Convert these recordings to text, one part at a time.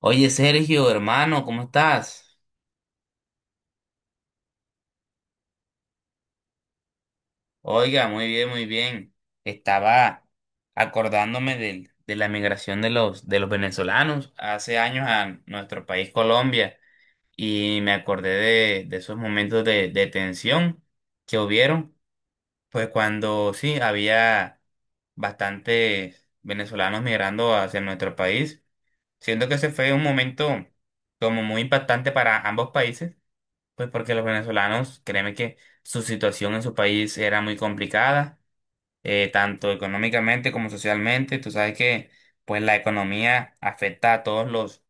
Oye, Sergio, hermano, ¿cómo estás? Oiga, muy bien, muy bien. Estaba acordándome de la migración de de los venezolanos hace años a nuestro país Colombia y me acordé de esos momentos de tensión que hubieron, pues cuando sí, había bastantes venezolanos migrando hacia nuestro país. Siento que ese fue un momento como muy impactante para ambos países. Pues porque los venezolanos, créeme que su situación en su país era muy complicada, tanto económicamente como socialmente. Tú sabes que pues la economía afecta a todos los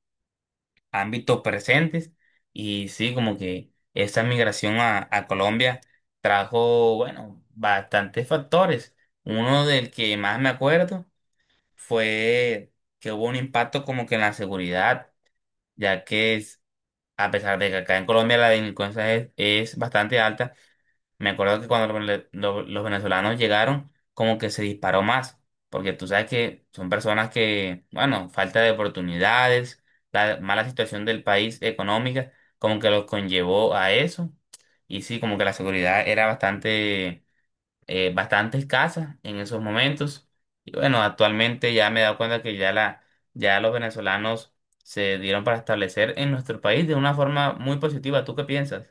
ámbitos presentes y sí, como que esa migración a Colombia trajo, bueno, bastantes factores. Uno del que más me acuerdo fue que hubo un impacto como que en la seguridad, ya que es- a pesar de que acá en Colombia la delincuencia es bastante alta, me acuerdo que cuando los venezolanos llegaron, como que se disparó más, porque tú sabes que son personas que, bueno, falta de oportunidades, la mala situación del país económica, como que los conllevó a eso. Y sí, como que la seguridad era bastante, bastante escasa en esos momentos. Y bueno, actualmente ya me he dado cuenta que ya los venezolanos se dieron para establecer en nuestro país de una forma muy positiva. ¿Tú qué piensas?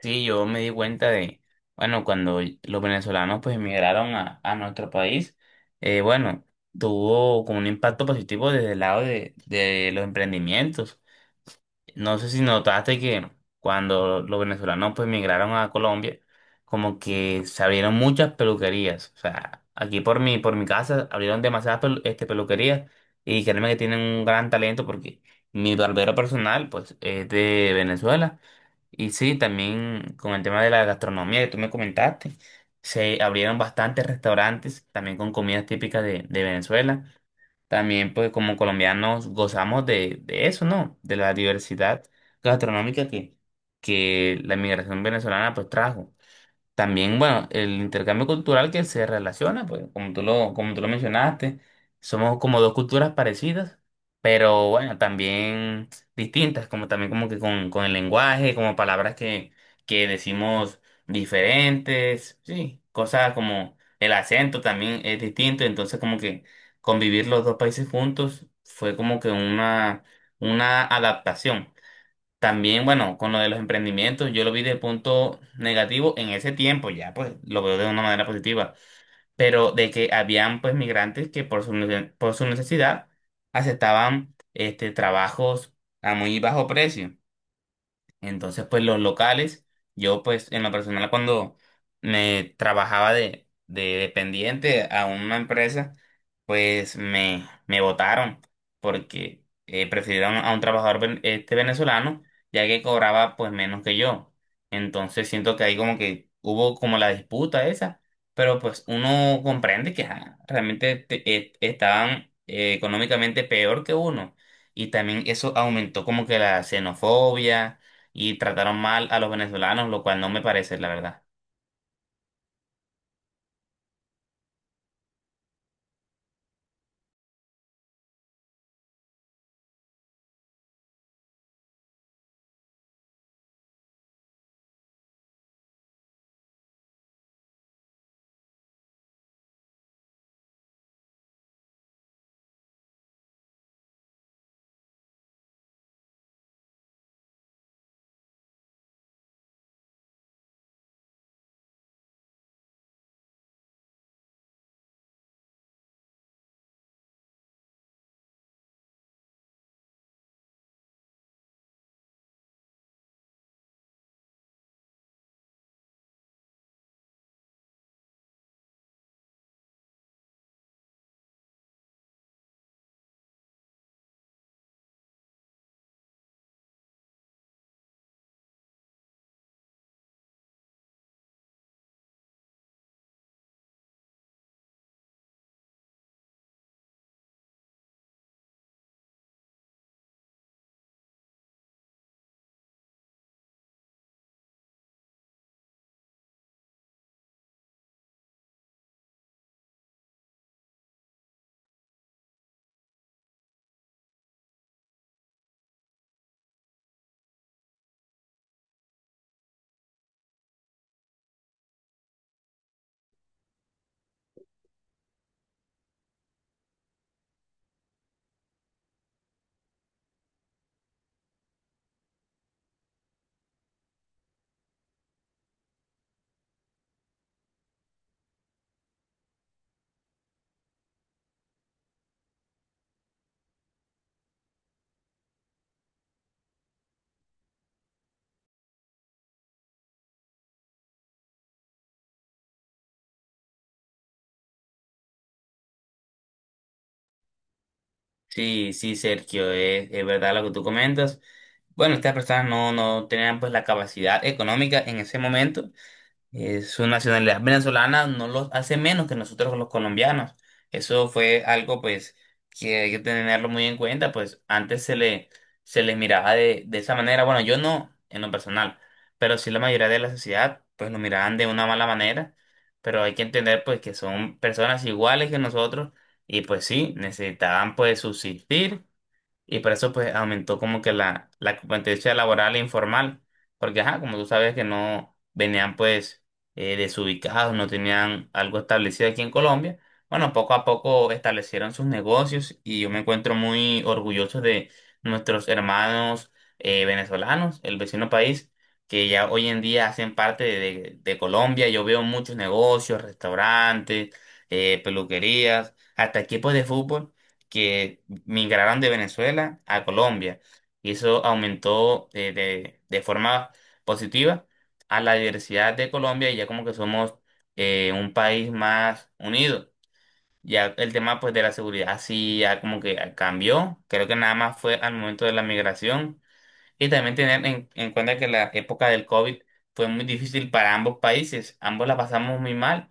Sí, yo me di cuenta de, bueno, cuando los venezolanos pues emigraron a nuestro país, bueno, tuvo como un impacto positivo desde el lado de los emprendimientos. No sé si notaste que cuando los venezolanos pues migraron a Colombia, como que se abrieron muchas peluquerías. O sea, aquí por mi casa abrieron demasiadas peluquerías y créeme que tienen un gran talento porque mi barbero personal pues es de Venezuela. Y sí, también con el tema de la gastronomía que tú me comentaste, se abrieron bastantes restaurantes también con comidas típicas de Venezuela. También, pues, como colombianos gozamos de eso, ¿no? De la diversidad gastronómica que la inmigración venezolana, pues, trajo. También, bueno, el intercambio cultural que se relaciona, pues, como tú lo mencionaste, somos como dos culturas parecidas, pero bueno, también distintas, como también como que con el lenguaje, como palabras que decimos diferentes, sí, cosas como el acento también es distinto, entonces como que convivir los dos países juntos fue como que una adaptación. También, bueno, con lo de los emprendimientos, yo lo vi de punto negativo en ese tiempo, ya pues lo veo de una manera positiva, pero de que habían pues migrantes que por su necesidad aceptaban trabajos a muy bajo precio. Entonces, pues los locales, yo pues en lo personal cuando me trabajaba de dependiente a una empresa, pues me votaron porque prefirieron a un trabajador venezolano ya que cobraba pues menos que yo. Entonces siento que ahí como que hubo como la disputa esa, pero pues uno comprende que estaban económicamente peor que uno. Y también eso aumentó como que la xenofobia y trataron mal a los venezolanos, lo cual no me parece, la verdad. Sí, sí, Sergio, es verdad lo que tú comentas. Bueno, estas personas no, no tenían pues la capacidad económica en ese momento. Eh, su nacionalidad venezolana no los hace menos que nosotros los colombianos. Eso fue algo pues que hay que tenerlo muy en cuenta, pues antes se les miraba de esa manera, bueno, yo no en lo personal, pero sí la mayoría de la sociedad pues lo miraban de una mala manera, pero hay que entender pues que son personas iguales que nosotros y pues sí, necesitaban pues subsistir y por eso pues aumentó como que la competencia laboral e informal, porque ajá, como tú sabes que no venían pues desubicados, no tenían algo establecido aquí en Colombia, bueno, poco a poco establecieron sus negocios y yo me encuentro muy orgulloso de nuestros hermanos venezolanos, el vecino país, que ya hoy en día hacen parte de Colombia. Yo veo muchos negocios, restaurantes, peluquerías, hasta equipos de fútbol que migraron de Venezuela a Colombia y eso aumentó de forma positiva a la diversidad de Colombia y ya como que somos un país más unido. Ya el tema pues de la seguridad sí ya como que cambió, creo que nada más fue al momento de la migración y también tener en cuenta que la época del COVID fue muy difícil para ambos países, ambos la pasamos muy mal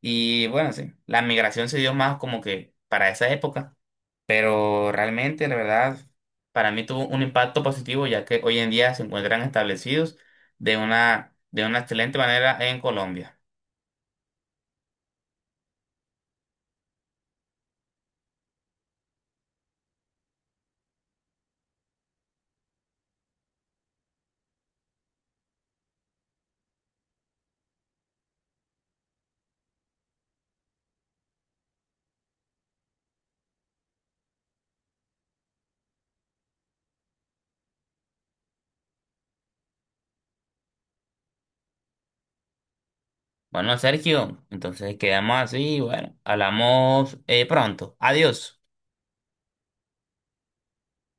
y bueno, sí, la migración se dio más como que para esa época. Pero realmente, la verdad, para mí tuvo un impacto positivo, ya que hoy en día se encuentran establecidos de una excelente manera en Colombia. Bueno, Sergio, entonces quedamos así, bueno, hablamos pronto. Adiós.